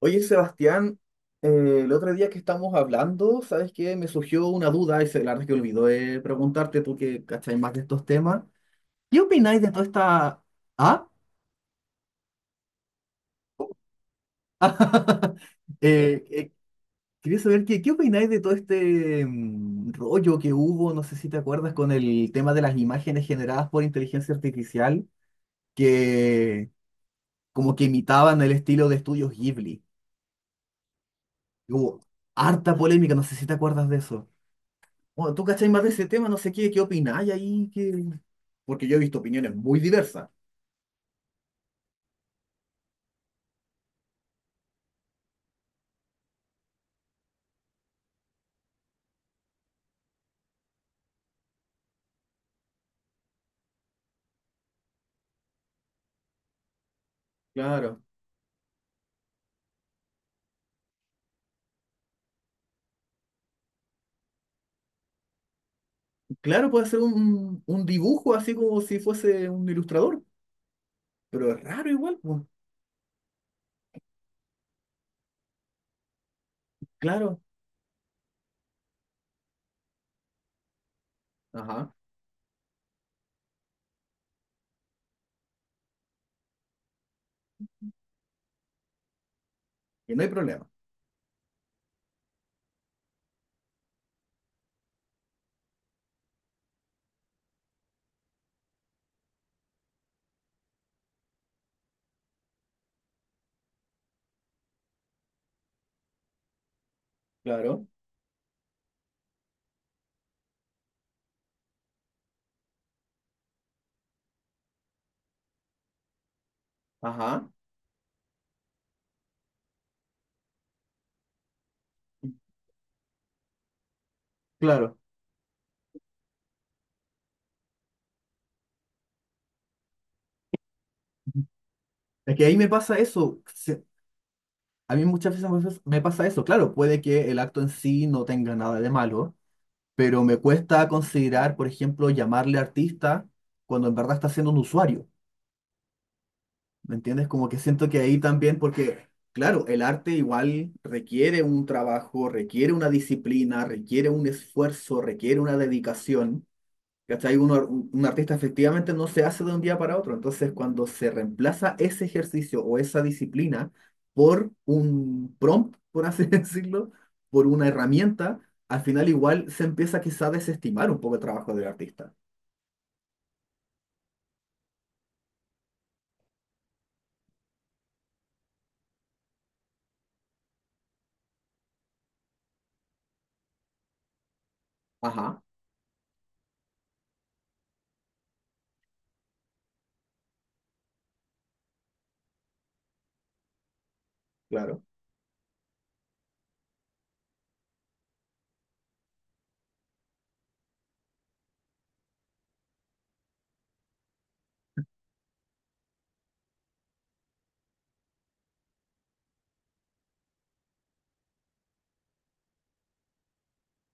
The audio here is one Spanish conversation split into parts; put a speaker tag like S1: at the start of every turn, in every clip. S1: Oye, Sebastián, el otro día que estamos hablando, ¿sabes qué? Me surgió una duda y se, la verdad es que olvidó preguntarte, tú que cacháis más de estos temas. ¿Qué opináis de toda esta... ¿Ah? Eh, eh, quería saber qué opináis de todo este rollo que hubo, no sé si te acuerdas, con el tema de las imágenes generadas por inteligencia artificial que como que imitaban el estilo de estudios Ghibli. Hubo harta polémica, no sé si te acuerdas de eso. Bueno, tú cachai más de ese tema, no sé qué opináis ahí, que... porque yo he visto opiniones muy diversas. Claro, claro, puede ser un dibujo así como si fuese un ilustrador, pero es raro igual, pues. Claro, ajá, y no hay problema. Claro, ajá, claro. Es que ahí me pasa eso. Se- a mí muchas veces me pas- me pasa eso. Claro, puede que el acto en sí no tenga nada de malo, pero me cuesta considerar, por ejemplo, llamarle artista cuando en verdad está siendo un usuario. ¿Me entiendes? Como que siento que ahí también, porque, claro, el arte igual requiere un trabajo, requiere una disciplina, requiere un esfuerzo, requiere una dedicación. ¿Cachai? Un, ar- un artista efectivamente no se hace de un día para otro. Entonces, cuando se reemplaza ese ejercicio o esa disciplina por un prompt, por así decirlo, por una herramienta, al final igual se empieza quizá a desestimar un poco el trabajo del artista. Ajá, claro,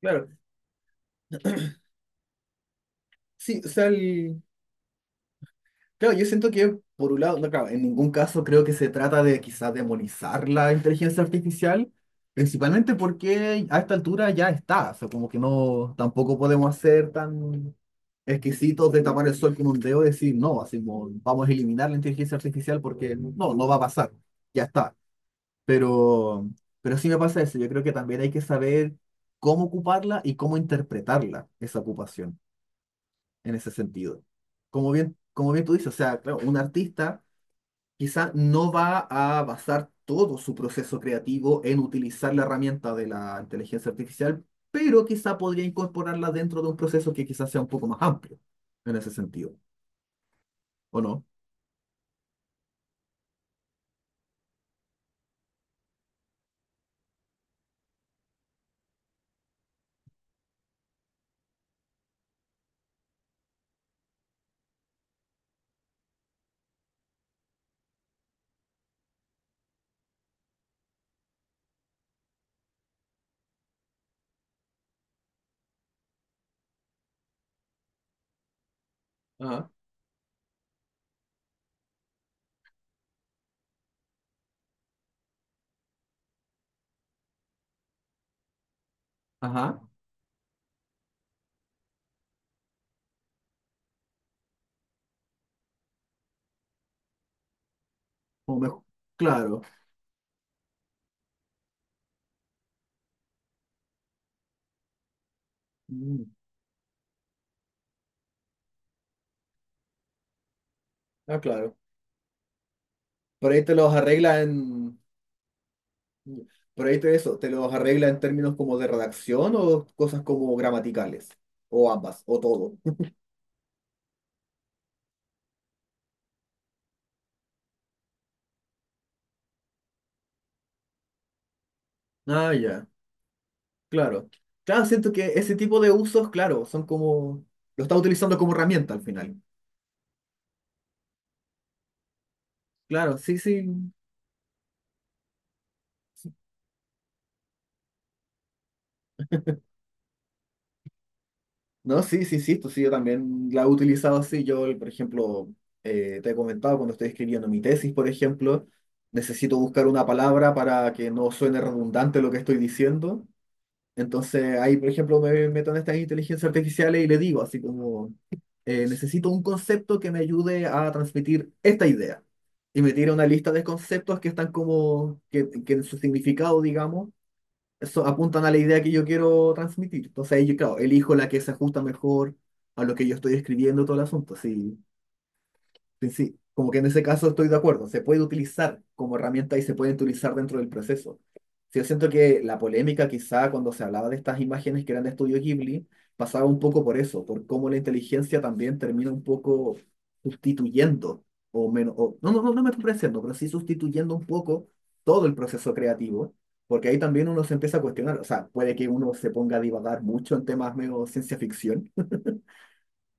S1: claro. Sí, o sea, el- claro, yo siento que, por un lado, no, claro, en ningún caso creo que se trata de quizás demonizar la inteligencia artificial, principalmente porque a esta altura ya está, o sea, como que no, tampoco podemos ser tan exquisitos de tapar el sol con un dedo y decir, no, así como, vamos a eliminar la inteligencia artificial porque no, no va a pasar, ya está. Pero, pero sí me pasa eso, yo creo que también hay que saber cómo ocuparla y cómo interpretarla, esa ocupación en ese sentido. Como bien tú dices, o sea, claro, un artista quizá no va a basar todo su proceso creativo en utilizar la herramienta de la inteligencia artificial, pero quizá podría incorporarla dentro de un proceso que quizás sea un poco más amplio en ese sentido, ¿o no? Ajá. Ajá, o mejor, claro. Mm, ah, claro. Por ahí te los arregla en, por ahí te eso, te los arregla en términos como de redacción o cosas como gramaticales, o ambas, o todo. Ah, ya. Claro. Claro, siento que ese tipo de usos, claro, son como... Lo está utilizando como herramienta al final. Claro, sí, sí. No, sí, sí, sí, esto sí, yo también la he utilizado así. Yo, por ejemplo, te he comentado cuando estoy escribiendo mi tesis, por ejemplo, necesito buscar una palabra para que no suene redundante lo que estoy diciendo. Entonces ahí, por ejemplo, me meto en estas inteligencias artificiales y le digo así como, necesito un concepto que me ayude a transmitir esta idea. Y me tira una lista de conceptos que están como, que en su significado, digamos, eso, apuntan a la idea que yo quiero transmitir. Entonces ahí yo, claro, elijo la que se ajusta mejor a lo que yo estoy escribiendo, todo el asunto. Sí, sí, sí, como que en ese caso estoy de acuerdo, se puede utilizar como herramienta y se puede utilizar dentro del proceso. Sí, yo siento que la polémica quizá cuando se hablaba de estas imágenes que eran de estudio Ghibli pasaba un poco por eso, por cómo la inteligencia también termina un poco sustituyendo, o menos, o- no, no, no, no me estoy pareciendo, pero sí sustituyendo un poco todo el proceso creativo, porque ahí también uno se empieza a cuestionar, o sea, puede que uno se ponga a divagar mucho en temas medio ciencia ficción,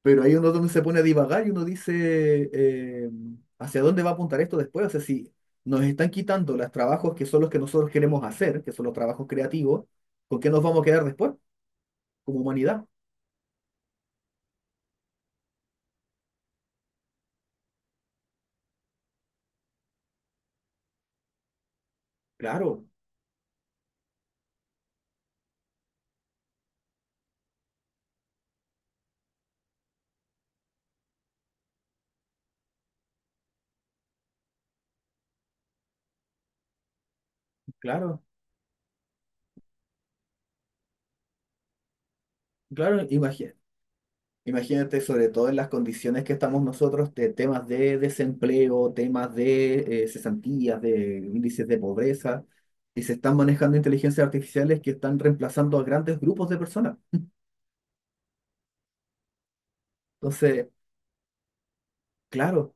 S1: pero ahí uno es donde se pone a divagar y uno dice, ¿hacia dónde va a apuntar esto después? O sea, si nos están quitando los trabajos que son los que nosotros queremos hacer, que son los trabajos creativos, ¿con qué nos vamos a quedar después como humanidad? Claro, claro, claro, imagínate. Imagínate sobre todo en las condiciones que estamos nosotros de temas de desempleo, temas de cesantías, de índices de pobreza, y se están manejando inteligencias artificiales que están reemplazando a grandes grupos de personas. Entonces, claro.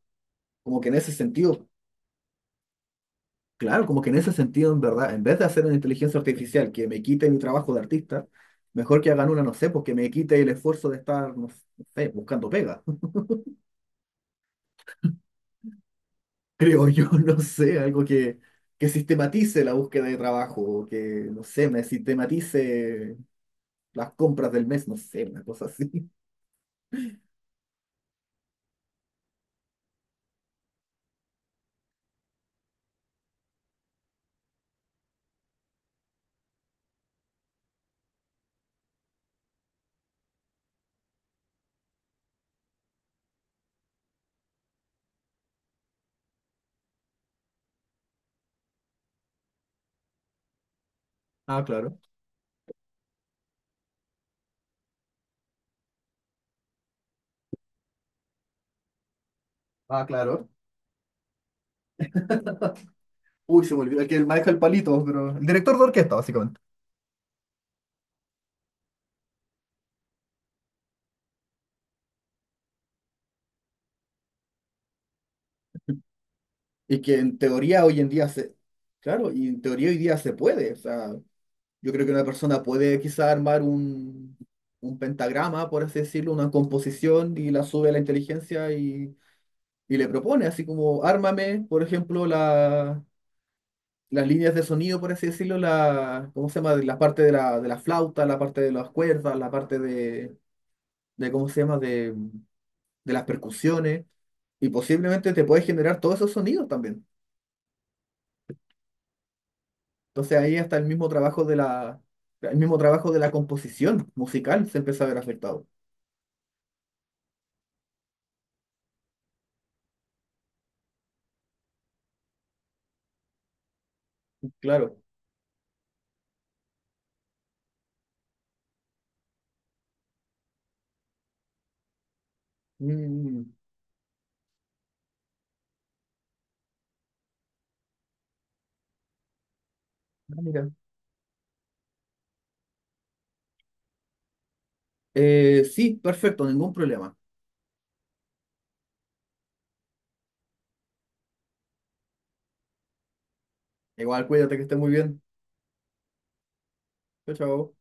S1: Como que en ese sentido, claro, como que en ese sentido, en verdad, en vez de hacer una inteligencia artificial que me quite mi trabajo de artista, mejor que hagan una, no sé, porque me quite el esfuerzo de estar, no sé, buscando pega. Creo yo, no sé, algo que sistematice la búsqueda de trabajo, o que, no sé, me sistematice las compras del mes, no sé, una cosa así. Ah, claro. Ah, claro. Uy, se me olvidó el que maneja el palito, pero el director de orquesta, básicamente. Y que en teoría hoy en día se... Claro, y en teoría hoy día se puede, o sea, yo creo que una persona puede quizá armar un pentagrama, por así decirlo, una composición y la sube a la inteligencia y le propone, así como, ármame, por ejemplo, la, las líneas de sonido, por así decirlo, la, ¿cómo se llama? La parte de de la flauta, la parte de las cuerdas, la parte de ¿cómo se llama? De las percusiones y posiblemente te puede generar todos esos sonidos también. Entonces ahí hasta el mismo trabajo de la, el mismo trabajo de la composición musical se empieza a ver afectado. Claro. Mm, ah, mira. Sí, perfecto, ningún problema. Igual, cuídate que estés muy bien. Chao, chao.